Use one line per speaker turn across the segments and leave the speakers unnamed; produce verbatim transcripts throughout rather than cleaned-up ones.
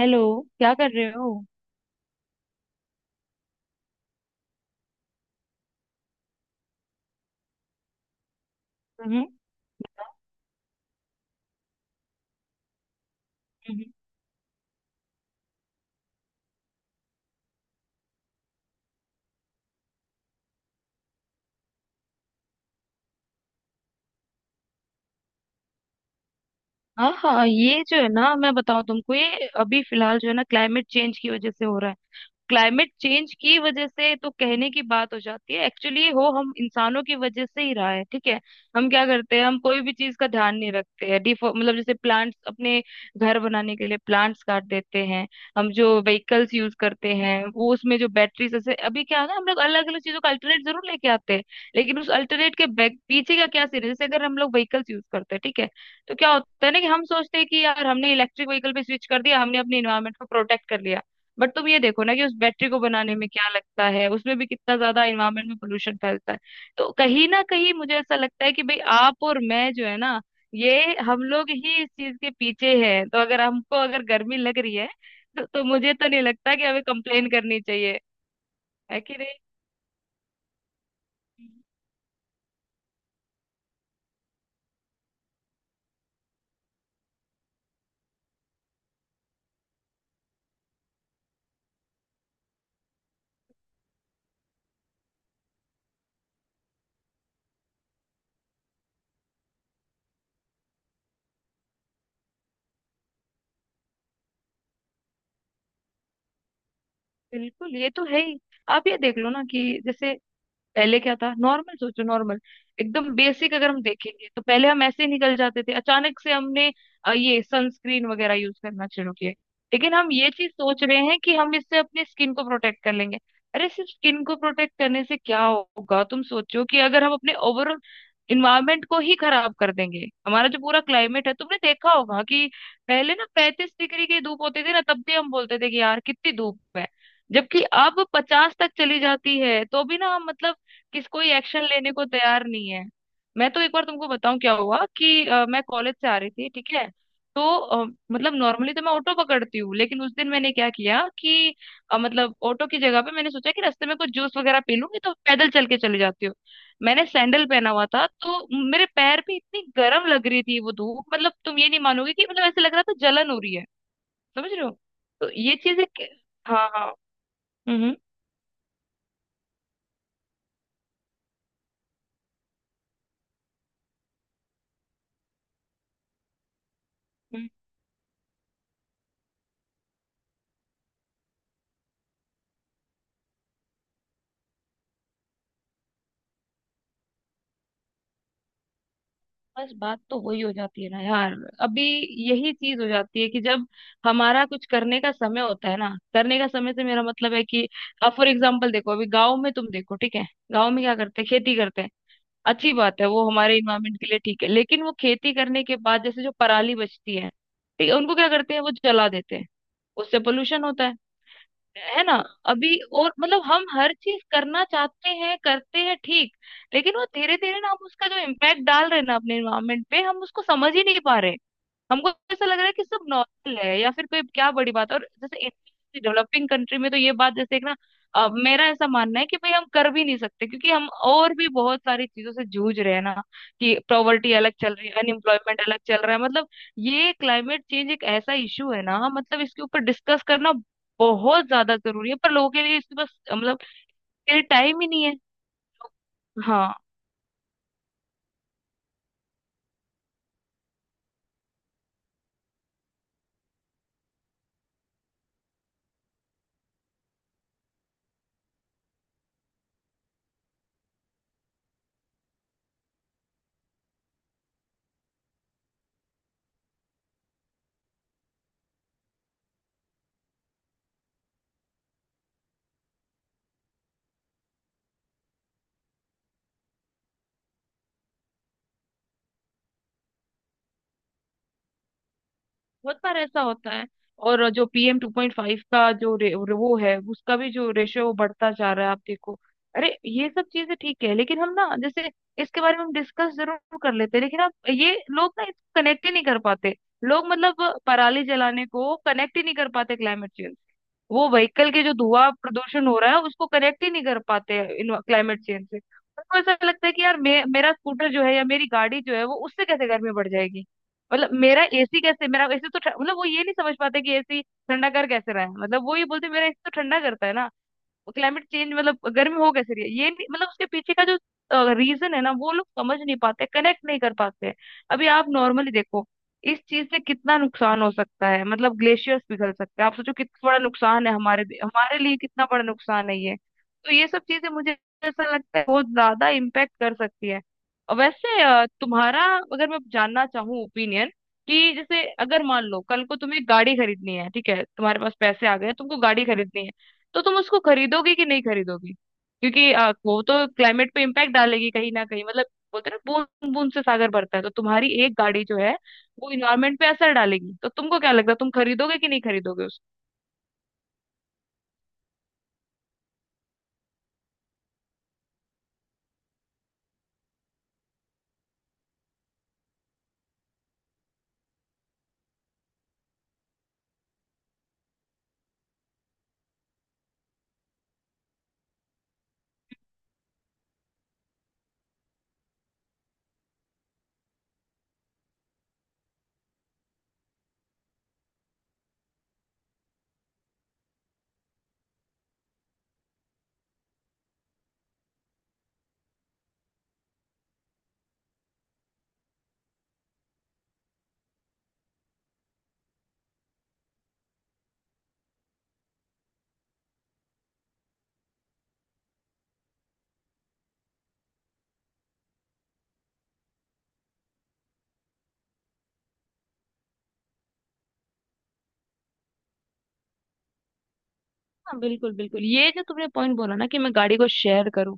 Hello. क्या कर रहे हो? हम्म। हम्म। हाँ हाँ, ये जो है ना, मैं बताऊं तुमको, ये अभी फिलहाल जो है ना क्लाइमेट चेंज की वजह से हो रहा है। क्लाइमेट चेंज की वजह से तो कहने की बात हो जाती है, एक्चुअली हो हम इंसानों की वजह से ही रहा है, ठीक है। हम क्या करते हैं, हम कोई भी चीज का ध्यान नहीं रखते हैं। डिफो मतलब जैसे प्लांट्स अपने घर बनाने के लिए प्लांट्स काट देते हैं। हम जो व्हीकल्स यूज करते हैं वो उसमें जो बैटरीज, जैसे अभी क्या होगा, हम लोग अलग अलग चीजों का अल्टरनेट जरूर लेके आते हैं, लेकिन उस अल्टरनेट के बैक पीछे का क्या सीन है। जैसे अगर हम लोग व्हीकल्स यूज करते हैं, ठीक है, तो क्या होता है ना कि हम सोचते हैं कि यार हमने इलेक्ट्रिक व्हीकल पे स्विच कर दिया, हमने अपने इन्वायरमेंट को प्रोटेक्ट कर लिया। बट तुम ये देखो ना कि उस बैटरी को बनाने में क्या लगता है, उसमें भी कितना ज्यादा इन्वायरमेंट में पोल्यूशन फैलता है। तो कहीं ना कहीं मुझे ऐसा लगता है कि भाई आप और मैं जो है ना, ये हम लोग ही इस चीज के पीछे हैं। तो अगर हमको अगर गर्मी लग रही है, तो, तो मुझे तो नहीं लगता कि हमें कंप्लेन करनी चाहिए। है कि नहीं? बिल्कुल, ये तो है ही। आप ये देख लो ना कि जैसे पहले क्या था, नॉर्मल सोचो, नॉर्मल एकदम बेसिक अगर हम देखेंगे, तो पहले हम ऐसे ही निकल जाते थे। अचानक से हमने अ, ये सनस्क्रीन वगैरह यूज करना शुरू किया। लेकिन हम ये चीज सोच रहे हैं कि हम इससे अपनी स्किन को प्रोटेक्ट कर लेंगे। अरे सिर्फ स्किन को प्रोटेक्ट करने से क्या होगा, तुम सोचो कि अगर हम अपने ओवरऑल इन्वायरमेंट को ही खराब कर देंगे। हमारा जो पूरा क्लाइमेट है, तुमने देखा होगा कि पहले ना पैंतीस डिग्री की धूप होती थी ना, तब भी हम बोलते थे कि यार कितनी धूप है, जबकि अब पचास तक चली जाती है तो भी ना हम मतलब किस, कोई एक्शन लेने को तैयार नहीं है। मैं तो एक बार तुमको बताऊं क्या हुआ कि अ, मैं कॉलेज से आ रही थी, ठीक है, तो अ, मतलब नॉर्मली तो मैं ऑटो पकड़ती हूँ, लेकिन उस दिन मैंने क्या किया कि अ, मतलब ऑटो की जगह पे मैंने सोचा कि रास्ते में कुछ जूस वगैरह पी लूंगी, तो पैदल चल के चली जाती हूँ। मैंने सैंडल पहना हुआ था, तो मेरे पैर पे इतनी गर्म लग रही थी वो धूप, मतलब तुम ये नहीं मानोगे कि मतलब ऐसे लग रहा था जलन हो रही है। समझ रहे हो? तो ये चीजें क- हाँ हाँ। हम्म हम्म। बस बात तो वही हो जाती है ना यार। अभी यही चीज हो जाती है कि जब हमारा कुछ करने का समय होता है ना, करने का समय से मेरा मतलब है कि अब फॉर एग्जाम्पल देखो, अभी गांव में तुम देखो, ठीक है। गांव में क्या करते हैं? खेती करते हैं। अच्छी बात है, वो हमारे इन्वायरमेंट के लिए ठीक है। लेकिन वो खेती करने के बाद जैसे जो पराली बचती है, ठीक है, उनको क्या करते हैं? वो जला देते हैं। उससे पोल्यूशन होता है है ना। अभी और मतलब हम हर चीज करना चाहते हैं, करते हैं, ठीक। लेकिन वो धीरे धीरे ना हम उसका जो इम्पैक्ट डाल रहे हैं ना अपने इन्वायरमेंट पे, हम उसको समझ ही नहीं पा रहे। हमको ऐसा लग रहा है कि सब नॉर्मल है या फिर कोई, क्या बड़ी बात है। और जैसे डेवलपिंग कंट्री में तो ये बात जैसे एक ना, अ, मेरा ऐसा मानना है कि भाई हम कर भी नहीं सकते, क्योंकि हम और भी बहुत सारी चीजों से जूझ रहे हैं ना। कि प्रॉवर्टी अलग चल रही है, अनएम्प्लॉयमेंट अलग चल रहा है, मतलब ये क्लाइमेट चेंज एक ऐसा इशू है ना, मतलब इसके ऊपर डिस्कस करना बहुत ज्यादा जरूरी है, पर लोगों के लिए इसके पास मतलब के लिए टाइम ही नहीं है। हाँ, बहुत बार ऐसा होता है। और जो पीएम टू पॉइंट फाइव का जो रे, वो है, उसका भी जो रेशियो वो बढ़ता जा रहा है, आप देखो। अरे ये सब चीजें ठीक है, लेकिन हम ना जैसे इसके बारे में हम डिस्कस जरूर कर लेते हैं, लेकिन आप ये लोग ना इसको कनेक्ट ही नहीं कर पाते। लोग मतलब पराली जलाने को कनेक्ट ही नहीं कर पाते क्लाइमेट, वो व्हीकल के जो धुआं प्रदूषण हो रहा है उसको कनेक्ट ही नहीं कर पाते हैं इन क्लाइमेट चेंज से। उनको ऐसा लगता है कि यार मे, मेरा स्कूटर जो है या मेरी गाड़ी जो है, वो उससे कैसे गर्मी बढ़ जाएगी, मतलब मेरा एसी कैसे, मेरा एसी तो ठ- मतलब वो ये नहीं समझ पाते कि एसी ठंडा कर कैसे रहा है। मतलब वो ये बोलते हैं, मेरा एसी तो ठंडा करता है ना, क्लाइमेट चेंज मतलब गर्मी हो कैसे रही है, ये नहीं- मतलब उसके पीछे का जो रीजन है ना, वो लोग समझ नहीं पाते, कनेक्ट नहीं कर पाते हैं। अभी आप नॉर्मली देखो इस चीज से कितना नुकसान हो सकता है, मतलब ग्लेशियर्स पिघल सकते हैं, आप सोचो कितना बड़ा नुकसान है, हमारे हमारे लिए कितना बड़ा नुकसान है ये। तो ये सब चीजें मुझे ऐसा लगता है बहुत ज्यादा इम्पेक्ट कर सकती है। और वैसे अ, तुम्हारा अगर मैं जानना चाहूँ ओपिनियन, कि जैसे अगर मान लो कल को तुम्हें गाड़ी खरीदनी है, ठीक है, तुम्हारे पास पैसे आ गए, तुमको गाड़ी खरीदनी है, तो तुम उसको खरीदोगे कि नहीं खरीदोगी, क्योंकि अ, वो तो क्लाइमेट पे इम्पैक्ट डालेगी कहीं ना कहीं, मतलब बोलते हैं ना बूंद बूंद से सागर भरता है, तो तुम्हारी एक गाड़ी जो है वो इन्वायरमेंट पे असर डालेगी। तो तुमको क्या लगता है, तुम खरीदोगे कि नहीं खरीदोगे उसको? हाँ बिल्कुल बिल्कुल, ये जो तुमने पॉइंट बोला ना कि मैं गाड़ी को शेयर करूँ,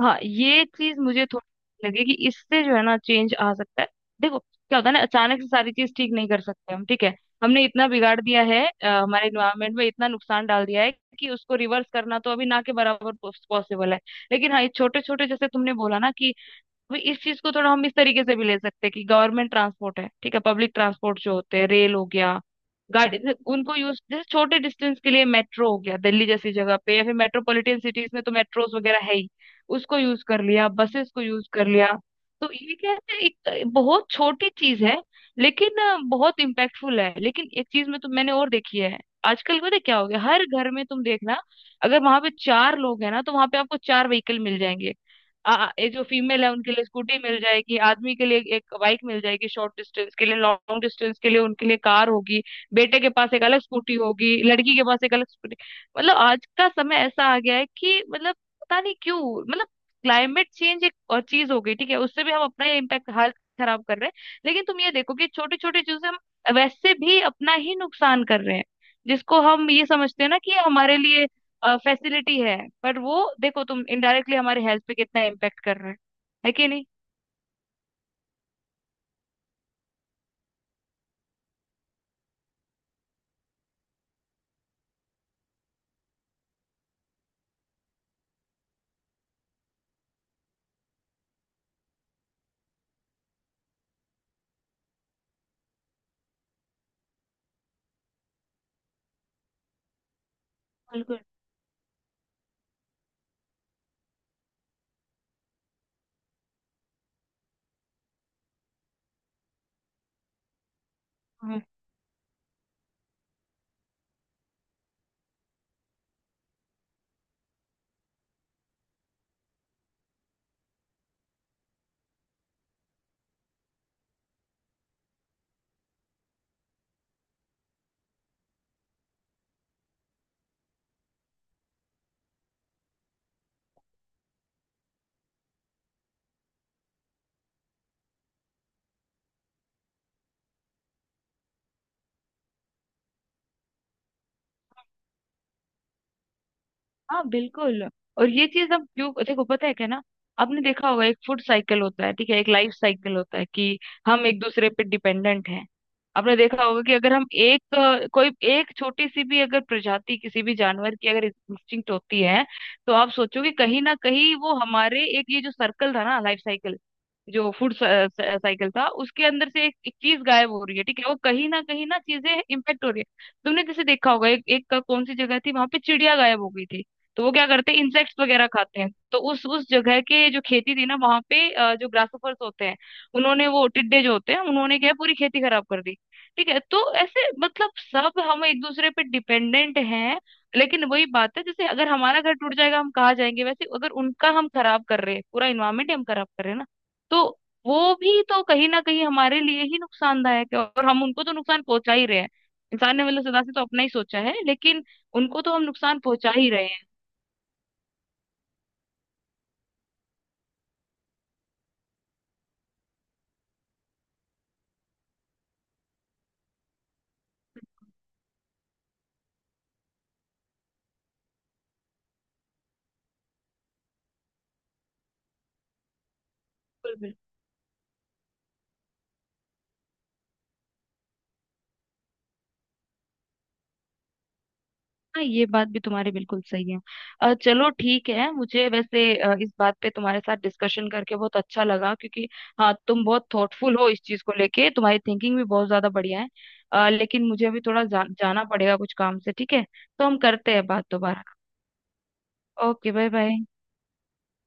हाँ ये चीज मुझे थोड़ी लगी कि इससे जो है ना चेंज आ सकता है। देखो क्या होता है ना, अचानक से सारी चीज ठीक नहीं कर सकते हम, ठीक है। हमने इतना बिगाड़ दिया है, अ, हमारे इन्वायरमेंट में इतना नुकसान डाल दिया है कि उसको रिवर्स करना तो अभी ना के बराबर पॉसिबल है। लेकिन हाँ ये छोटे छोटे जैसे तुमने बोला ना कि अभी इस चीज को थोड़ा हम इस तरीके से भी ले सकते हैं कि गवर्नमेंट ट्रांसपोर्ट है ठीक है, पब्लिक ट्रांसपोर्ट जो होते हैं, रेल हो गया, गाड़ी, उनको यूज जैसे छोटे डिस्टेंस के लिए मेट्रो हो गया दिल्ली जैसी जगह पे, या फिर मेट्रोपॉलिटन सिटीज में तो मेट्रोस वगैरह है ही, उसको यूज कर लिया, बसेस को यूज कर लिया। तो ये क्या है, एक बहुत छोटी चीज है, लेकिन अ, बहुत इम्पैक्टफुल है। लेकिन एक चीज में तो मैंने और देखी है आजकल, पता है क्या हो गया, हर घर में तुम देखना, अगर वहां पे चार लोग हैं ना, तो वहां पे आपको चार व्हीकल मिल जाएंगे। आ, ये जो फीमेल है उनके लिए स्कूटी मिल जाएगी, आदमी के लिए एक बाइक मिल जाएगी शॉर्ट डिस्टेंस के लिए, लॉन्ग डिस्टेंस के लिए उनके लिए कार होगी। बेटे के पास एक अलग स्कूटी होगी, लड़की के पास एक अलग स्कूटी। मतलब आज का समय ऐसा आ गया है कि मतलब पता नहीं क्यों, मतलब क्लाइमेट चेंज एक और चीज हो गई, ठीक है, उससे भी हम अपना ये इम्पैक्ट हाल खराब कर रहे हैं। लेकिन तुम ये देखो कि छोटी छोटी चीजों से हम वैसे भी अपना ही नुकसान कर रहे हैं, जिसको हम ये समझते हैं ना कि ये हमारे लिए फैसिलिटी है, पर वो देखो तुम, इनडायरेक्टली हमारे हेल्थ पे कितना इम्पेक्ट कर रहा है। है कि नहीं? बिल्कुल। हाँ बिल्कुल। और ये चीज अब जो देखो, पता है क्या ना, आपने देखा होगा एक फूड साइकिल होता है, ठीक है, एक लाइफ साइकिल होता है कि हम एक दूसरे पे डिपेंडेंट हैं। आपने देखा होगा कि अगर हम एक अ, कोई एक छोटी सी भी अगर प्रजाति किसी भी जानवर की अगर इंस्टिंक्ट होती है, तो आप सोचो कि कहीं ना कहीं वो हमारे एक ये जो सर्कल था ना, लाइफ साइकिल, जो फूड साइकिल था, उसके अंदर से एक, एक चीज गायब हो रही है, ठीक है, वो कहीं ना कहीं ना चीजें इम्पेक्ट हो रही है। तुमने जैसे देखा होगा एक एक का, कौन सी जगह थी वहां पे चिड़िया गायब हो गई थी, तो वो क्या करते हैं, इंसेक्ट्स वगैरह खाते हैं, तो उस उस जगह के जो खेती थी ना, वहां पे अ, जो ग्रासोफर्स होते हैं उन्होंने, वो टिड्डे जो होते हैं उन्होंने क्या है, पूरी खेती खराब कर दी, ठीक है। तो ऐसे मतलब सब हम एक दूसरे पे डिपेंडेंट हैं। लेकिन वही बात है, जैसे अगर हमारा घर टूट जाएगा हम कहाँ जाएंगे, वैसे अगर उनका हम खराब कर रहे हैं, पूरा इन्वायरमेंट हम खराब कर रहे हैं ना, तो वो भी तो कहीं ना कहीं हमारे लिए ही नुकसानदायक है। और हम उनको तो नुकसान पहुंचा ही रहे हैं, इंसान ने मतलब सदा से तो अपना ही सोचा है, लेकिन उनको तो हम नुकसान पहुंचा ही रहे हैं। बिल्कुल बिल्कुल। हाँ ये बात भी तुम्हारी बिल्कुल सही है। अ, चलो ठीक है, मुझे वैसे अ, इस बात पे तुम्हारे साथ डिस्कशन करके बहुत अच्छा लगा, क्योंकि हाँ तुम बहुत थॉटफुल हो इस चीज को लेके, तुम्हारी थिंकिंग भी बहुत ज्यादा बढ़िया है। अ, लेकिन मुझे अभी थोड़ा जा, जाना पड़ेगा कुछ काम से, ठीक है, तो हम करते हैं बात दोबारा। Okay, bye bye.